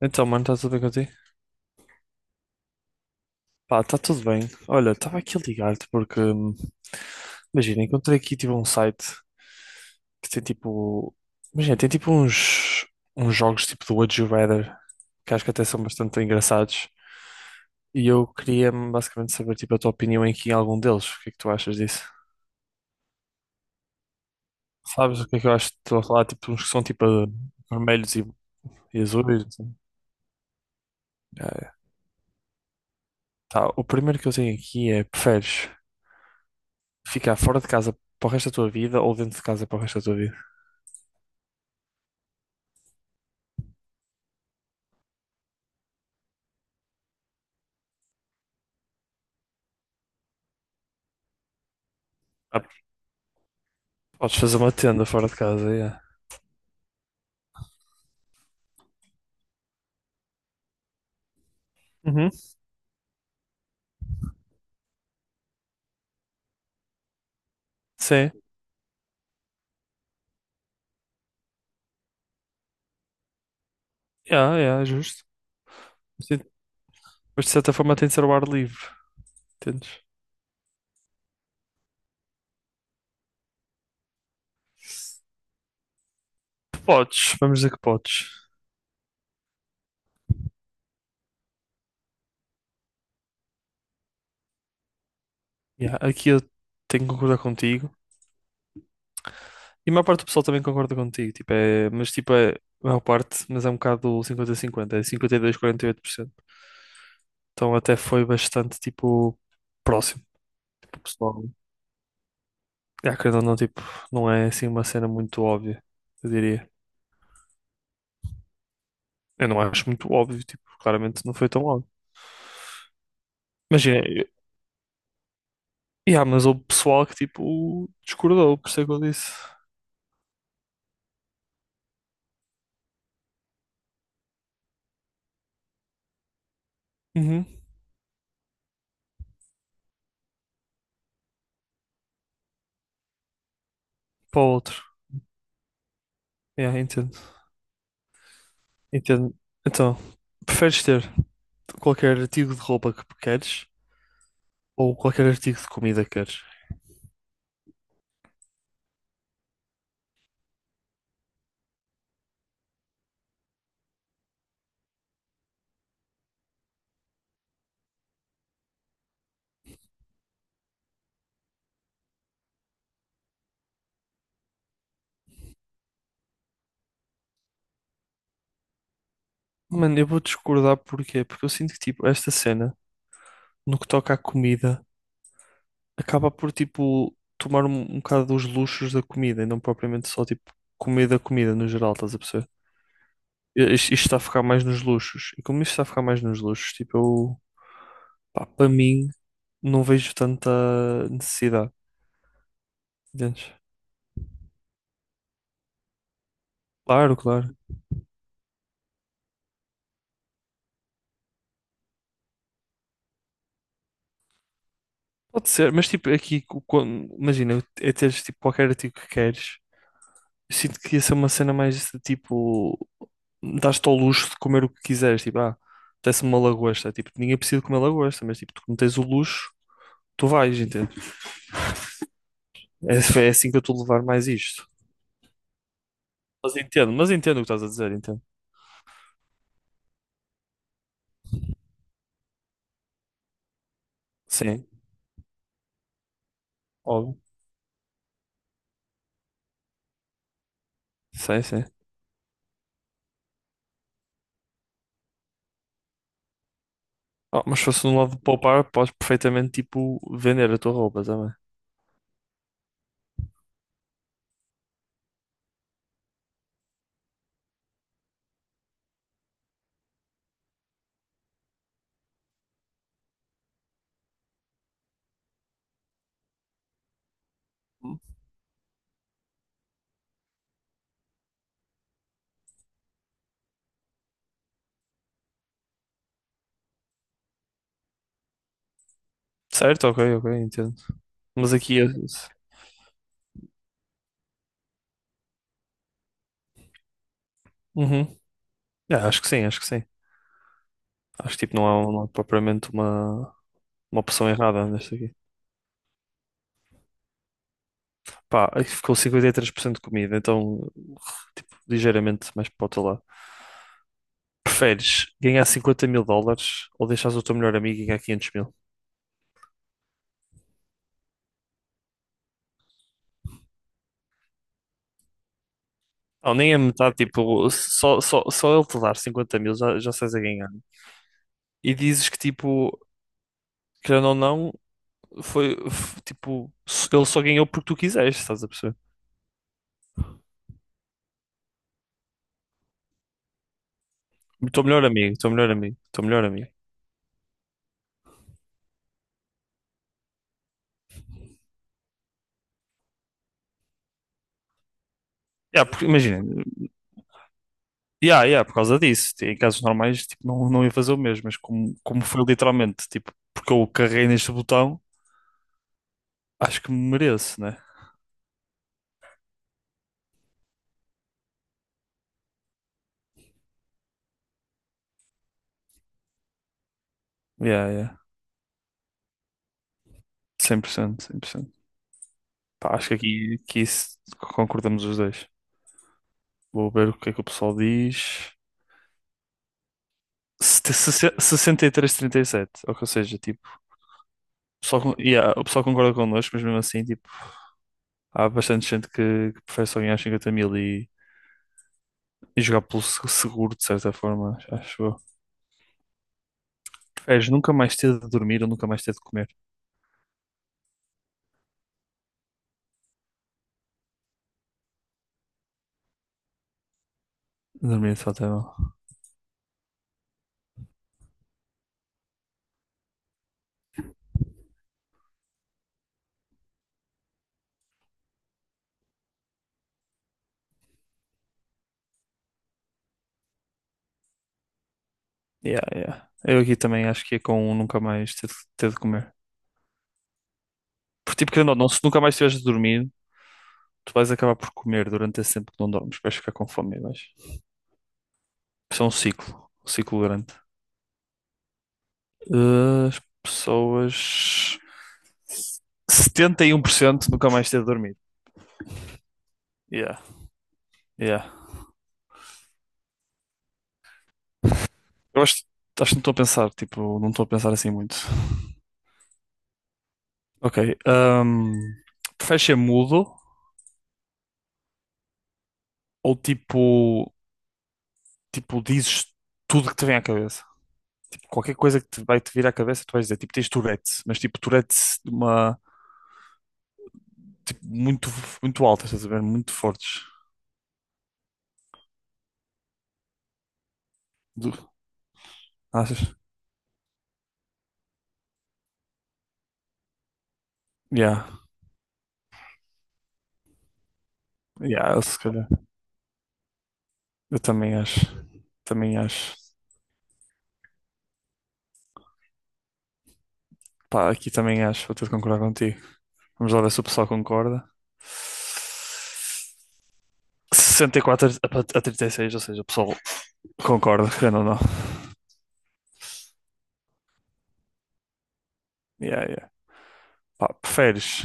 Então, mano, está tudo bem contigo? Pá, está tudo bem. Olha, estava aqui a ligar-te porque, imagina, encontrei aqui tipo um site que tem tipo, imagina, tem tipo uns, uns jogos tipo do Would You Rather, que acho que até são bastante engraçados. E eu queria basicamente saber tipo a tua opinião aqui em algum deles. O que é que tu achas disso? Sabes o que é que eu acho? Estou a falar tipo uns que são tipo vermelhos e azuis, assim. Ah, é. Tá, o primeiro que eu tenho aqui é preferes ficar fora de casa para o resto da tua vida ou dentro de casa para o resto da tua vida? Ah, podes fazer uma tenda fora de casa, yeah. Uhum. Sim, yeah, yeah, justo. Sim, mas de certa forma tem de ser o ar livre, entendes? Podes, vamos dizer que podes. Yeah, aqui eu tenho que concordar contigo. E a maior parte do pessoal também concorda contigo, tipo, é, mas tipo, é, a maior parte, mas é um bocado 50-50, é 52 a 48%. Então até foi bastante, tipo, próximo do pessoal. É, querendo ou não, tipo, não é assim uma cena muito óbvia, eu diria. Eu não acho muito óbvio, tipo, claramente não foi tão óbvio. Mas, é, yeah, mas houve pessoal que, tipo, discordou, por isso é que eu disse. Uhum, para o outro. Yeah, entendo. Entendo. Então, preferes ter qualquer artigo de roupa que queres? Ou qualquer artigo de comida queres? Mano, eu vou discordar porquê? Porque eu sinto que, tipo, esta cena, no que toca à comida, acaba por, tipo, tomar um bocado dos luxos da comida e não propriamente só, tipo, comida, comida no geral, estás a perceber? Isto está a ficar mais nos luxos. E como isto está a ficar mais nos luxos, tipo, eu, pá, para mim, não vejo tanta necessidade. Entendes? Claro, claro. Pode ser, mas tipo, aqui, quando, imagina, é teres tipo qualquer artigo que queres. Eu sinto que ia ser uma cena mais de tipo, dás-te ao luxo de comer o que quiseres. Tipo, ah, apetece-me uma lagosta. Tipo, ninguém precisa de comer lagosta, mas tipo, tu não tens o luxo, tu vais, entende? É, é assim que eu estou a levar mais isto. Mas entendo o que estás a dizer, entendo. Sim, óbvio. Sim, sim. Ah, mas se fosse um lado de poupar, podes perfeitamente tipo vender a tua roupa também. Certo? Ok, ok, entendo. Mas aqui. Uhum. Ah, acho que sim, acho que sim. Acho que tipo, não há propriamente uma opção errada nesta aqui. Pá, aqui ficou 53% de comida, então tipo, ligeiramente mais para o outro lado. Preferes ganhar 50 mil dólares ou deixares o teu melhor amigo ganhar 500 mil? Não, nem a metade, tipo, só ele te dar 50 mil já, já estás a ganhar. E dizes que, tipo, querendo ou não, foi, tipo, ele só ganhou porque tu quiseste, estás a perceber? O teu melhor amigo, o teu melhor amigo, o teu melhor amigo. Yeah, porque, imagina. Yeah, yeah, por causa disso. Em casos normais, tipo, não ia fazer o mesmo, mas como foi literalmente, tipo, porque eu carreguei neste botão, acho que me mereço, né? Yeah, yeah. 100%, 100%. Pá, acho que aqui, aqui concordamos os dois. Vou ver o que é que o pessoal diz. 63, 37 ou seja, tipo, o pessoal, yeah, o pessoal concorda connosco, mas mesmo assim, tipo, há bastante gente que prefere só ganhar 50 mil e jogar pelo seguro, de certa forma, acho eu. Preferes nunca mais ter de dormir ou nunca mais ter de comer? Dormir de fato é. Yeah, yeah. Eu aqui também acho que é com um nunca mais de ter de comer. Porque, tipo, querendo ou não, se nunca mais tiveres de dormir, tu vais acabar por comer durante esse tempo que não dormes. Vais ficar com fome, e vais. Isso é um ciclo. Um ciclo grande. As pessoas. 71% nunca mais ter de dormir. Yeah, yeah. Eu acho que não estou a pensar, tipo, não estou a pensar assim muito. Ok. Um, Preferes ser mudo ou tipo, dizes tudo que te vem à cabeça? Qualquer coisa que te vai te vir à cabeça, tu vais dizer, tipo, tens Tourette, mas tipo, Tourette de uma, tipo, muito, muito altas estás a ver? Muito fortes. Do- Achas? Yeah, yeah, eu, se calhar. Eu também acho. Também acho. Pá, aqui também acho, vou ter de concordar contigo. Vamos lá ver se o pessoal concorda. 64 a 36 ou seja, o pessoal concorda, querendo ou não. Yeah, yeah. Pá, preferes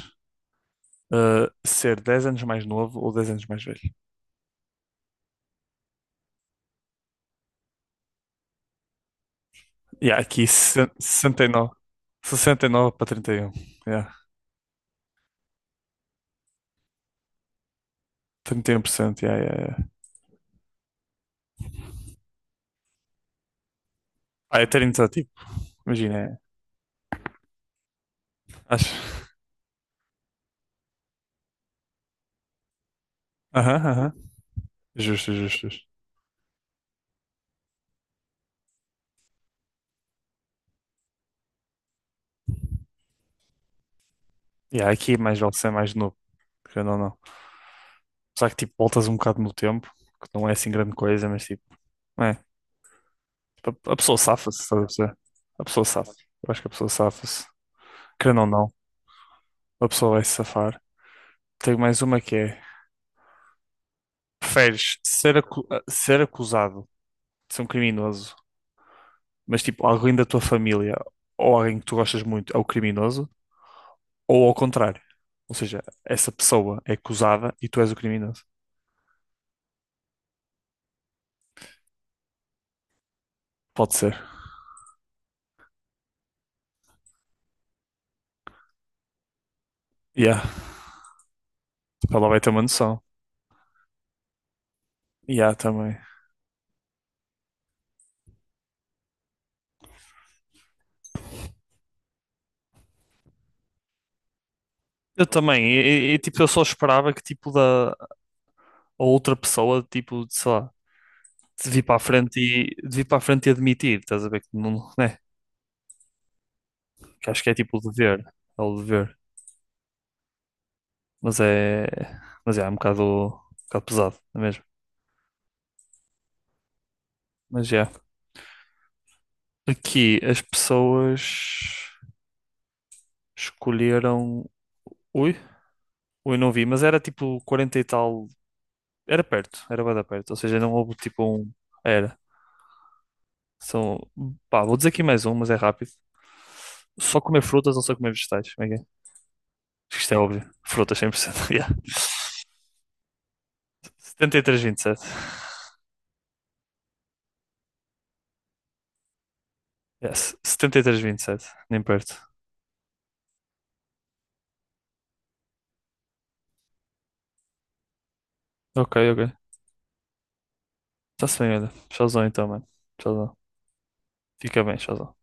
ser 10 anos mais novo ou 10 anos mais velho? Yeah, aqui 69. 69 para 31. Yeah. 31%, yeah, yeah, yeah. Ah, é ter iniciativa, imagina. É. Acho. Aham, aham. Justo, justo, justo. Yeah, aqui é mais vale ser mais novo, querendo ou não. Só que tipo, voltas um bocado no tempo, que não é assim grande coisa, mas tipo, é. Tipo, a pessoa safa-se, estás a perceber? A pessoa safa-se. Eu acho que a pessoa safa-se. Querendo ou não, a pessoa vai se safar. Tenho mais uma que é: preferes ser acusado de ser um criminoso mas tipo, alguém da tua família ou alguém que tu gostas muito é o criminoso, ou ao contrário. Ou seja, essa pessoa é acusada e tu és o criminoso. Pode ser. Yeah, tipo, ela vai ter uma noção. Yeah, também. Eu também. E, tipo, eu só esperava que tipo da a outra pessoa, tipo, sei lá, de vir para a frente e de vir para a frente e admitir, estás a ver que não, né? Que acho que é tipo o dever, é o dever. Mas é, é um bocado pesado, não é mesmo? Mas é. Aqui as pessoas escolheram. Ui, ui, não vi, mas era tipo 40 e tal. Era perto, era bem perto. Ou seja, não houve tipo um. Era. São. Pá, vou dizer aqui mais um, mas é rápido. Só comer frutas ou só comer vegetais? Como é que é? Isto é óbvio. Frutas 100%. Yeah. 73,27. Yes. 73,27. Nem perto. Ok, ok. Está-se bem, olha. Tchauzão então, mano. Tchauzão. Fica bem, tchauzão.